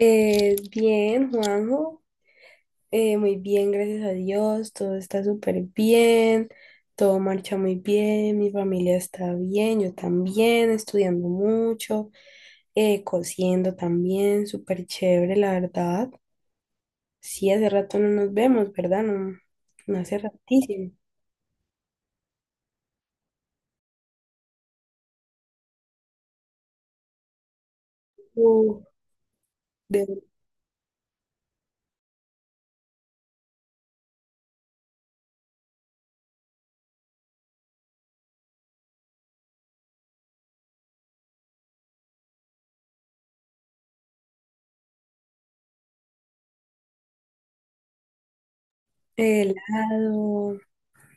Bien, Juanjo, muy bien, gracias a Dios, todo está súper bien, todo marcha muy bien, mi familia está bien, yo también, estudiando mucho, cosiendo también, súper chévere, la verdad. Sí, hace rato no nos vemos, ¿verdad? No, no hace ratísimo. Uh, de helado,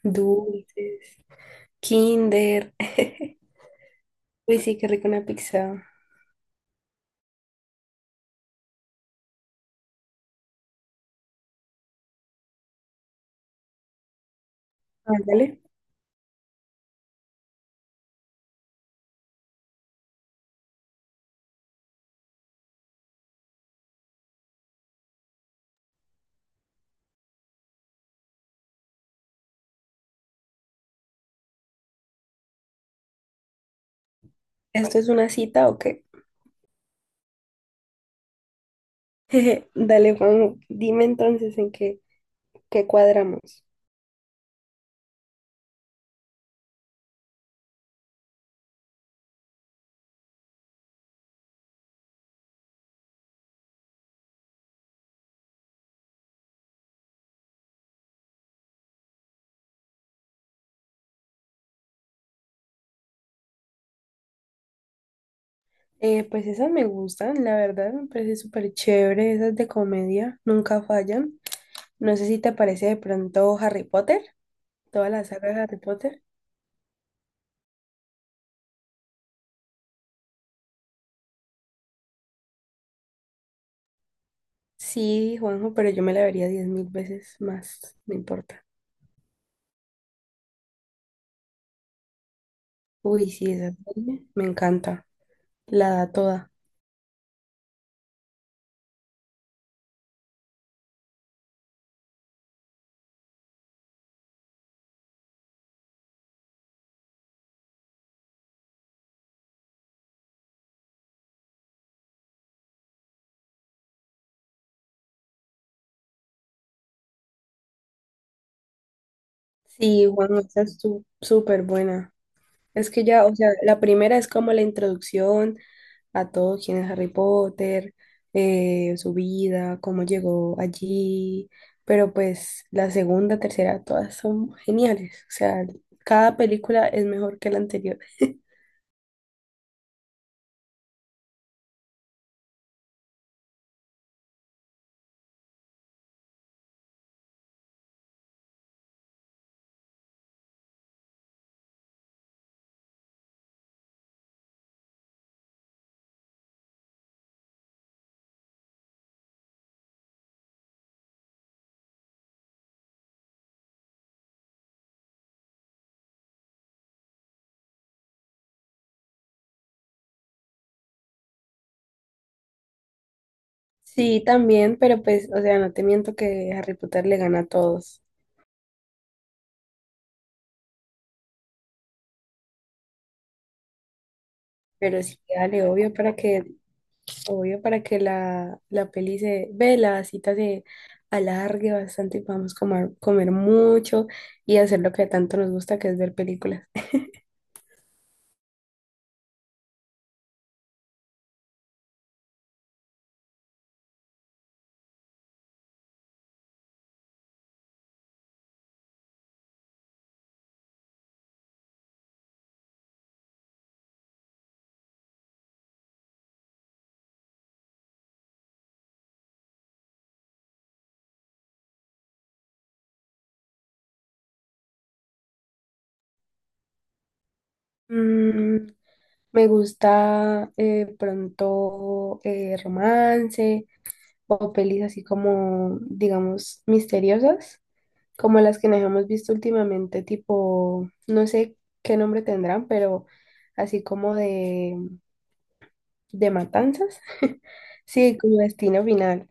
dulces, kinder. Uy, sí, qué rico una pizza. Ándale, ¿esto es una cita o qué? Dale, Juan, dime entonces qué cuadramos. Pues esas me gustan, la verdad, me parece súper chévere, esas de comedia, nunca fallan. No sé si te parece de pronto Harry Potter, toda la saga de Harry Potter. Sí, Juanjo, pero yo me la vería 10.000 veces más, no importa. Uy, sí, esa serie me encanta, la da toda. Sí, Juanjo, esa es súper buena. Es que ya, o sea, la primera es como la introducción a todo quién es Harry Potter, su vida, cómo llegó allí, pero pues la segunda, tercera, todas son geniales, o sea, cada película es mejor que la anterior. Sí, también, pero pues, o sea, no te miento que Harry Potter le gana a todos, pero sí, dale, obvio, para que. Obvio, para que la peli se ve, la cita se alargue bastante y podamos comer, comer mucho y hacer lo que tanto nos gusta, que es ver películas. Mm, me gusta pronto romance o pelis así como, digamos, misteriosas, como las que nos hemos visto últimamente, tipo, no sé qué nombre tendrán, pero así de matanzas. Sí, como destino final.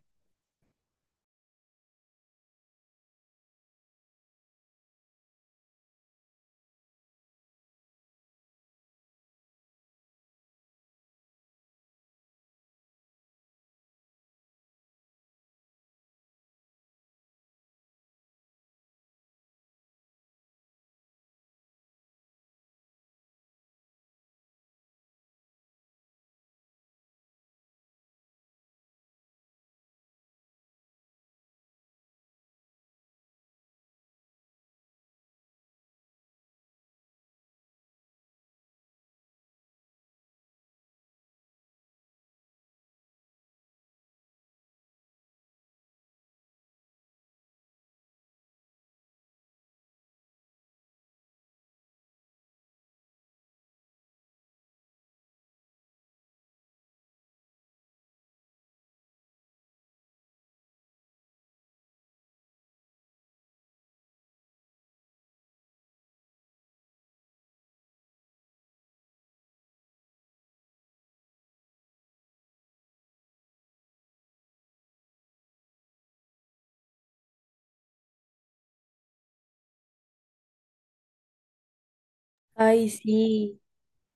Ay, sí,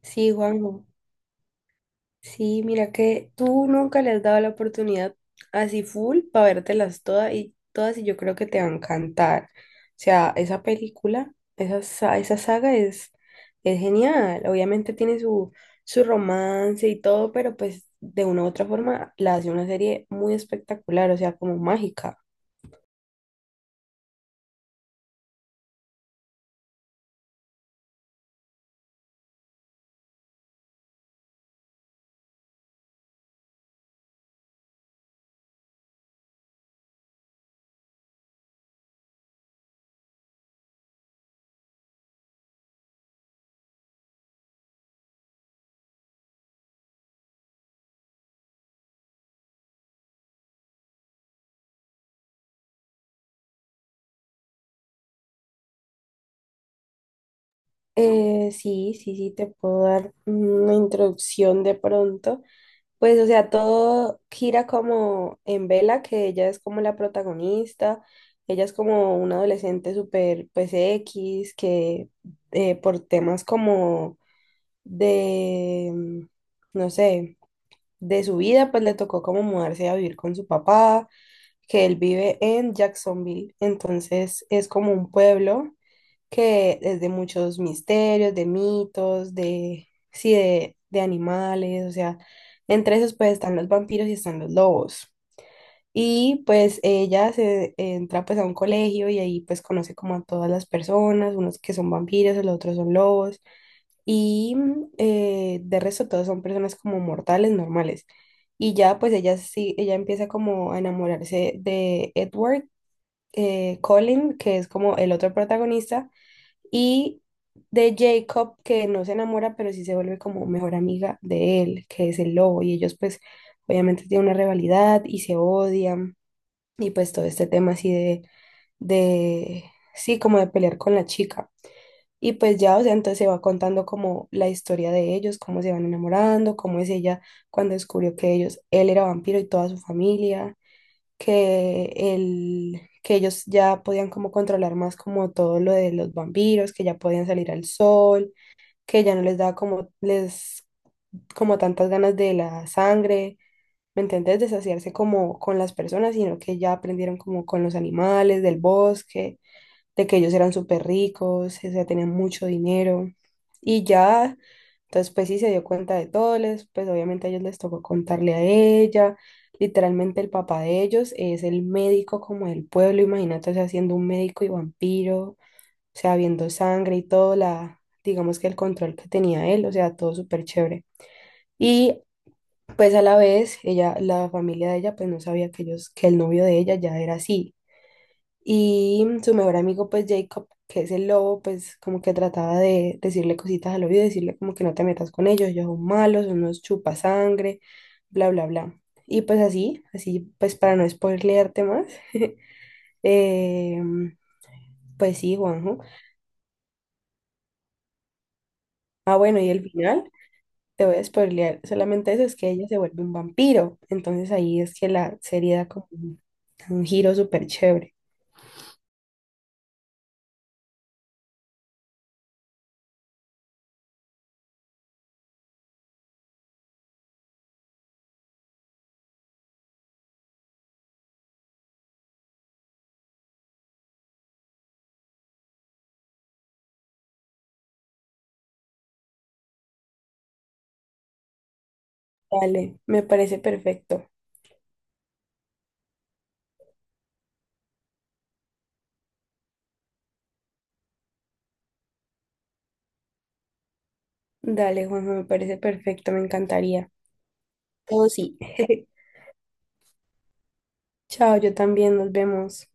sí, Juanjo. Sí, mira que tú nunca le has dado la oportunidad así full para vértelas todas y todas y yo creo que te va a encantar. O sea, esa película, esa esa saga es genial. Obviamente tiene su romance y todo, pero pues de una u otra forma la hace una serie muy espectacular, o sea, como mágica. Sí, sí, sí, te puedo dar una introducción de pronto. Pues, o sea, todo gira como en Vela, que ella es como la protagonista, ella es como una adolescente súper, pues, X, que por temas como de, mm, no sé, de su vida, pues le tocó como mudarse a vivir con su papá, que él vive en Jacksonville, entonces es como un pueblo que desde muchos misterios, de mitos, de, sí, de animales, o sea, entre esos pues están los vampiros y están los lobos. Y pues ella se entra pues a un colegio y ahí pues conoce como a todas las personas, unos que son vampiros, los otros son lobos y de resto todos son personas como mortales, normales. Y ya pues ella sí, ella empieza como a enamorarse de Edward Cullen, que es como el otro protagonista, y de Jacob, que no se enamora, pero sí se vuelve como mejor amiga de él, que es el lobo, y ellos pues obviamente tienen una rivalidad y se odian, y pues todo este tema así de, sí, como de pelear con la chica. Y pues ya, o sea, entonces se va contando como la historia de ellos, cómo se van enamorando, cómo es ella cuando descubrió que ellos, él era vampiro y toda su familia que ellos ya podían como controlar más como todo lo de los vampiros, que ya podían salir al sol, que ya no les daba como tantas ganas de la sangre, ¿me entendés? De saciarse como con las personas, sino que ya aprendieron como con los animales del bosque de que ellos eran súper ricos, o sea, tenían mucho dinero. Y ya, entonces pues sí, se dio cuenta de todo. Pues obviamente a ellos les tocó contarle a ella. Literalmente el papá de ellos es el médico como del pueblo, imagínate, o sea, siendo un médico y vampiro, o sea, viendo sangre y todo, digamos que el control que tenía él, o sea, todo súper chévere. Y pues a la vez, ella, la familia de ella, pues no sabía que ellos, que el novio de ella ya era así. Y su mejor amigo, pues Jacob, que es el lobo, pues como que trataba de decirle cositas al oído, decirle como que no te metas con ellos, ellos son malos, son unos chupasangre, bla, bla, bla. Y pues así, así, pues para no spoilearte más, eh, pues sí, Juanjo. Ah, bueno, y el final, te voy a spoilear solamente eso, es que ella se vuelve un vampiro. Entonces ahí es que la serie da como un giro súper chévere. Vale, me parece perfecto. Dale, Juanjo, me parece perfecto, me encantaría. Oh, sí. Chao, yo también, nos vemos.